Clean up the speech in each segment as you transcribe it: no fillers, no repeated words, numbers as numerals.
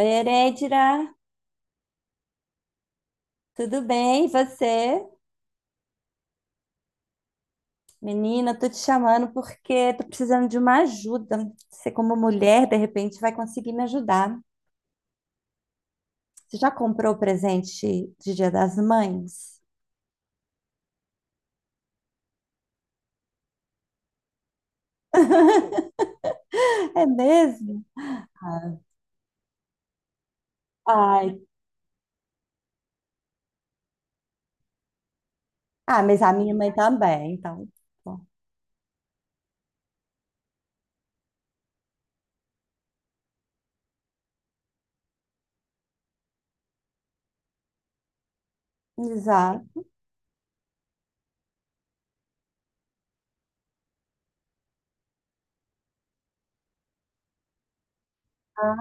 Oi, Eredira, tudo bem? E você? Menina, tô te chamando porque tô precisando de uma ajuda. Você, como mulher, de repente vai conseguir me ajudar. Você já comprou o presente de Dia das Mães? É mesmo? Ai, ah, mas a minha mãe também, então. Bom. Exato.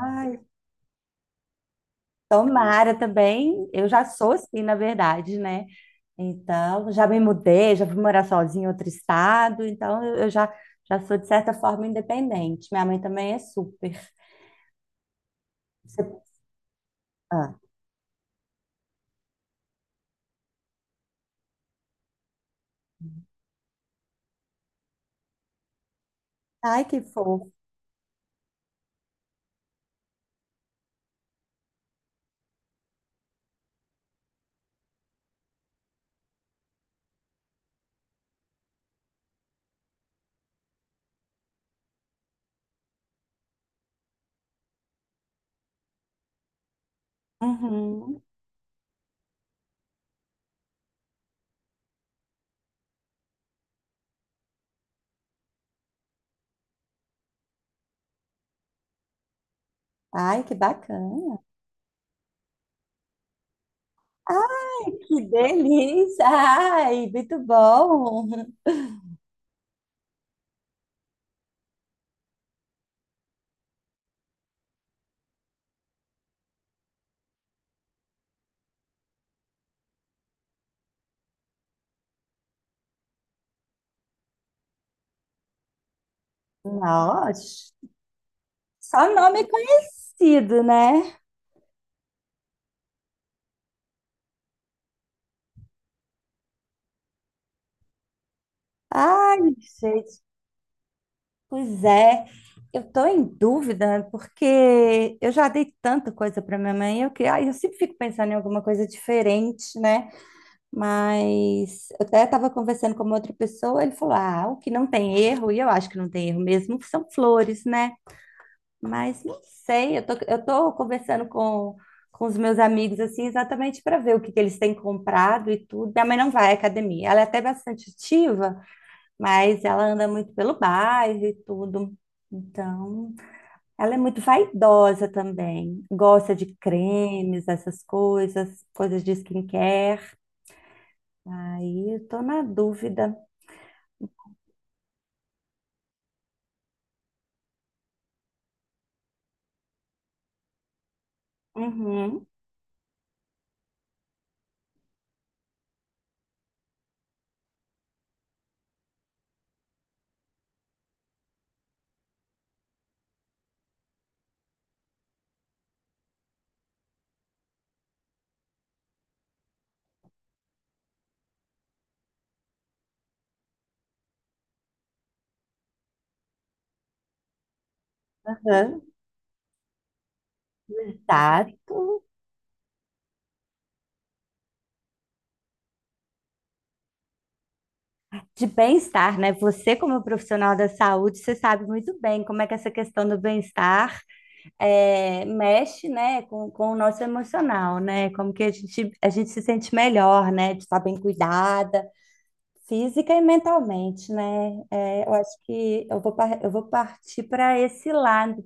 Ai, tomara também. Eu já sou assim, na verdade, né? Então, já me mudei, já fui morar sozinha em outro estado, então eu já, já sou, de certa forma, independente. Minha mãe também é super. Você- ah. Ai, que fofo. Uhum. Ai, que bacana. Ai, que delícia. Ai, muito bom. Nossa, só nome conhecido, né? Ai, gente. Pois é, eu estou em dúvida, né, porque eu já dei tanta coisa para minha mãe, eu que, ai, eu sempre fico pensando em alguma coisa diferente, né? Mas eu até estava conversando com uma outra pessoa, ele falou: "Ah, o que não tem erro", e eu acho que não tem erro mesmo, são flores, né? Mas não sei, eu tô conversando com os meus amigos assim exatamente para ver o que que eles têm comprado e tudo. Minha mãe não vai à academia, ela é até bastante ativa, mas ela anda muito pelo bairro e tudo. Então, ela é muito vaidosa também. Gosta de cremes, essas coisas, coisas de skincare. Aí eu tô na dúvida. Uhum, aham, exato. De bem-estar, né? Você, como profissional da saúde, você sabe muito bem como é que essa questão do bem-estar é, mexe, né, com, o nosso emocional, né? Como que a gente se sente melhor, né? De estar bem cuidada física e mentalmente, né? É, eu acho que eu vou, eu vou partir para esse lado.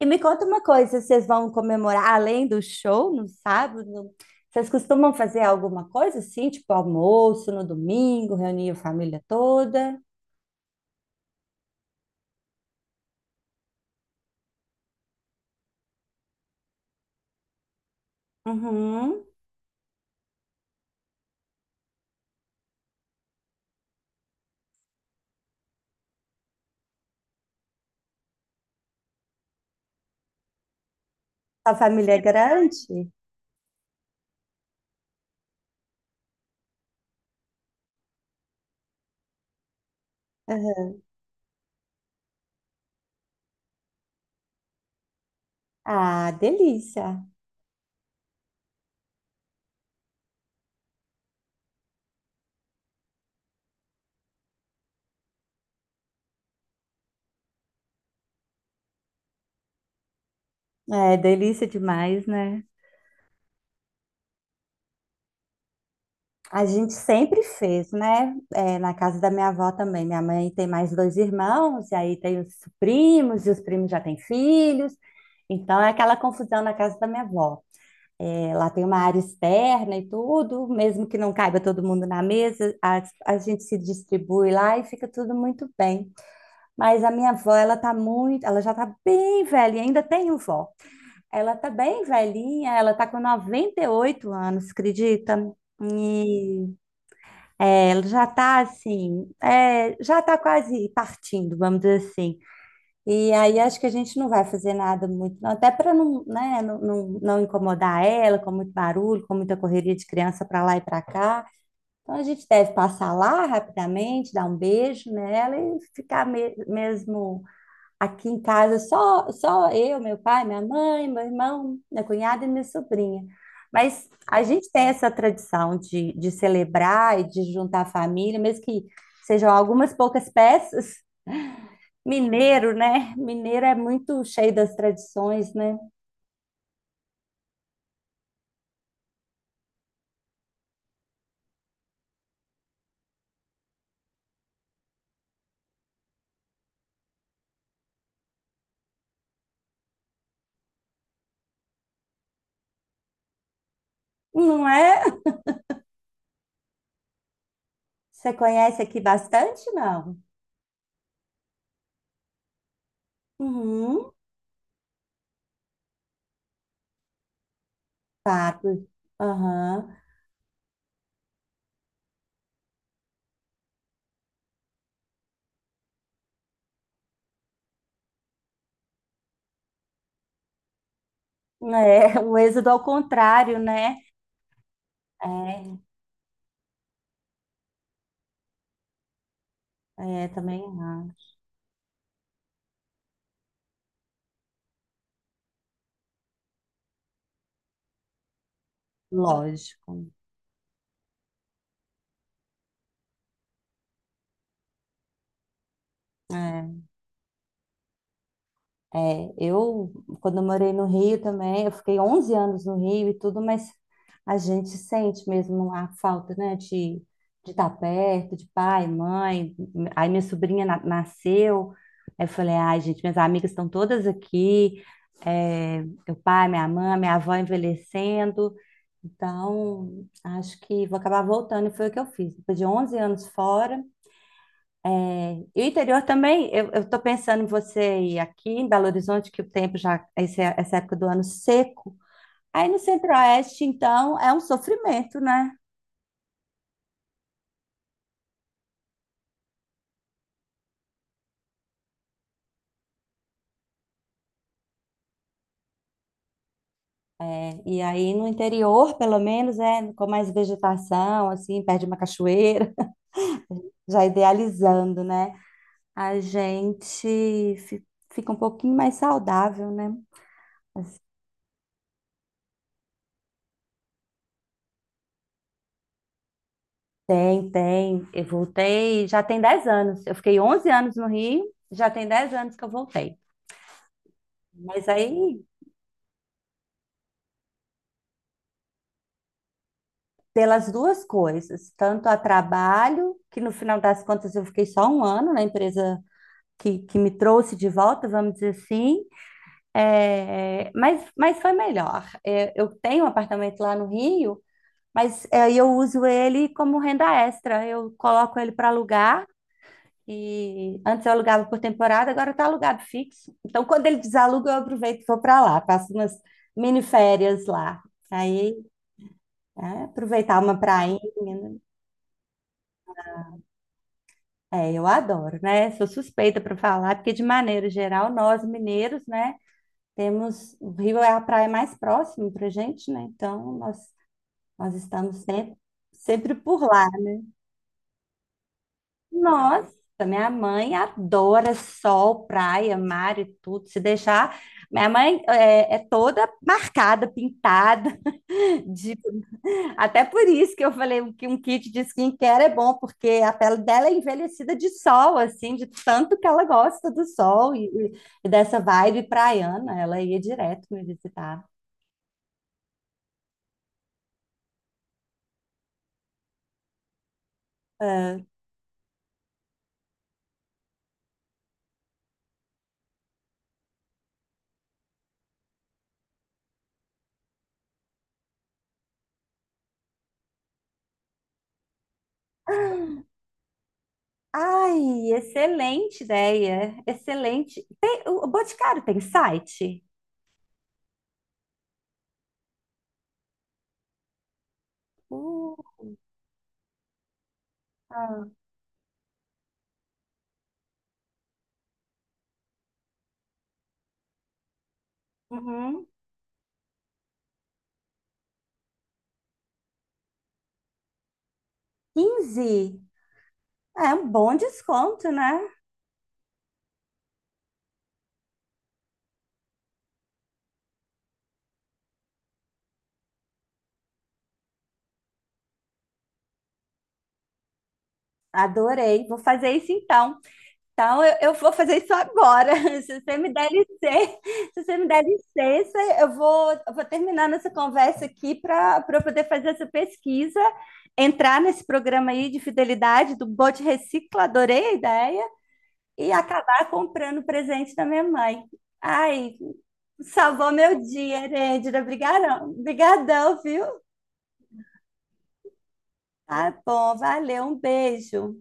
E me conta uma coisa, vocês vão comemorar além do show no sábado? Vocês costumam fazer alguma coisa assim, tipo almoço no domingo, reunir a família toda? Uhum. A família é grande? Ah, delícia. É, delícia demais, né? A gente sempre fez, né? É, na casa da minha avó também. Minha mãe tem mais dois irmãos, e aí tem os primos, e os primos já têm filhos. Então é aquela confusão na casa da minha avó. É, lá tem uma área externa e tudo, mesmo que não caiba todo mundo na mesa, a gente se distribui lá e fica tudo muito bem. Mas a minha avó, ela tá muito, ela já tá bem velha, ainda tenho vó. Ela tá bem velhinha, ela tá com 98 anos, acredita? E é, ela já tá assim, é, já tá quase partindo, vamos dizer assim. E aí acho que a gente não vai fazer nada muito, não, até para não, né, não incomodar ela com muito barulho, com muita correria de criança para lá e para cá. Então a gente deve passar lá rapidamente, dar um beijo nela e ficar mesmo. Aqui em casa só eu, meu pai, minha mãe, meu irmão, minha cunhada e minha sobrinha. Mas a gente tem essa tradição de celebrar e de juntar a família, mesmo que sejam algumas poucas peças. Mineiro, né? Mineiro é muito cheio das tradições, né? Não é? Você conhece aqui bastante, não? Uhum, fato. Aham. É, o êxodo ao contrário, né? É, é também, ah, lógico. É. É, eu, quando eu morei no Rio também, eu fiquei 11 anos no Rio e tudo, mas a gente sente mesmo a falta, né, de estar perto, de pai, mãe. Aí minha sobrinha nasceu, aí eu falei, ai, gente, minhas amigas estão todas aqui, é, meu pai, minha mãe, minha avó envelhecendo. Então, acho que vou acabar voltando, e foi o que eu fiz. Depois de 11 anos fora, e o interior também, eu estou pensando em você ir aqui em Belo Horizonte, que o tempo já, essa época do ano seco. Aí no Centro-Oeste, então, é um sofrimento, né? É, e aí no interior, pelo menos, é com mais vegetação, assim, perto de uma cachoeira, já idealizando, né? A gente fi- Fica um pouquinho mais saudável, né? Tem, tem. Eu voltei, já tem 10 anos. Eu fiquei 11 anos no Rio, já tem 10 anos que eu voltei. Mas aí pelas duas coisas, tanto a trabalho, que no final das contas eu fiquei só um ano na empresa que me trouxe de volta, vamos dizer assim, é, mas foi melhor. É, eu tenho um apartamento lá no Rio, mas é, eu uso ele como renda extra, eu coloco ele para alugar. E antes eu alugava por temporada, agora está alugado fixo. Então, quando ele desaluga, eu aproveito e vou para lá, passo umas mini férias lá. Aí, é, aproveitar uma prainha, né? É, eu adoro, né? Sou suspeita para falar, porque de maneira geral, nós mineiros, né, temos o Rio é a praia mais próxima para gente, né? Então nós estamos sempre por lá. Nossa, minha mãe adora sol, praia, mar e tudo. Se deixar, minha mãe é, é toda marcada, pintada. De- Até por isso que eu falei que um kit de skincare é bom, porque a pele dela é envelhecida de sol, assim, de tanto que ela gosta do sol e dessa vibe praiana. Ela ia direto me visitar. Ai, excelente ideia, excelente. O Boticário tem site? Uh, ah, uhum. 15? É um bom desconto, né? Adorei, vou fazer isso então. Então, eu vou fazer isso agora. Se você me der licença, Se você me der licença, eu vou terminar nossa conversa aqui para eu poder fazer essa pesquisa, entrar nesse programa aí de fidelidade do Bote Recicla, adorei a ideia, e acabar comprando o presente da minha mãe. Ai, salvou meu dia, Herêndira. Obrigadão, obrigadão, viu? Tá bom, valeu, um beijo.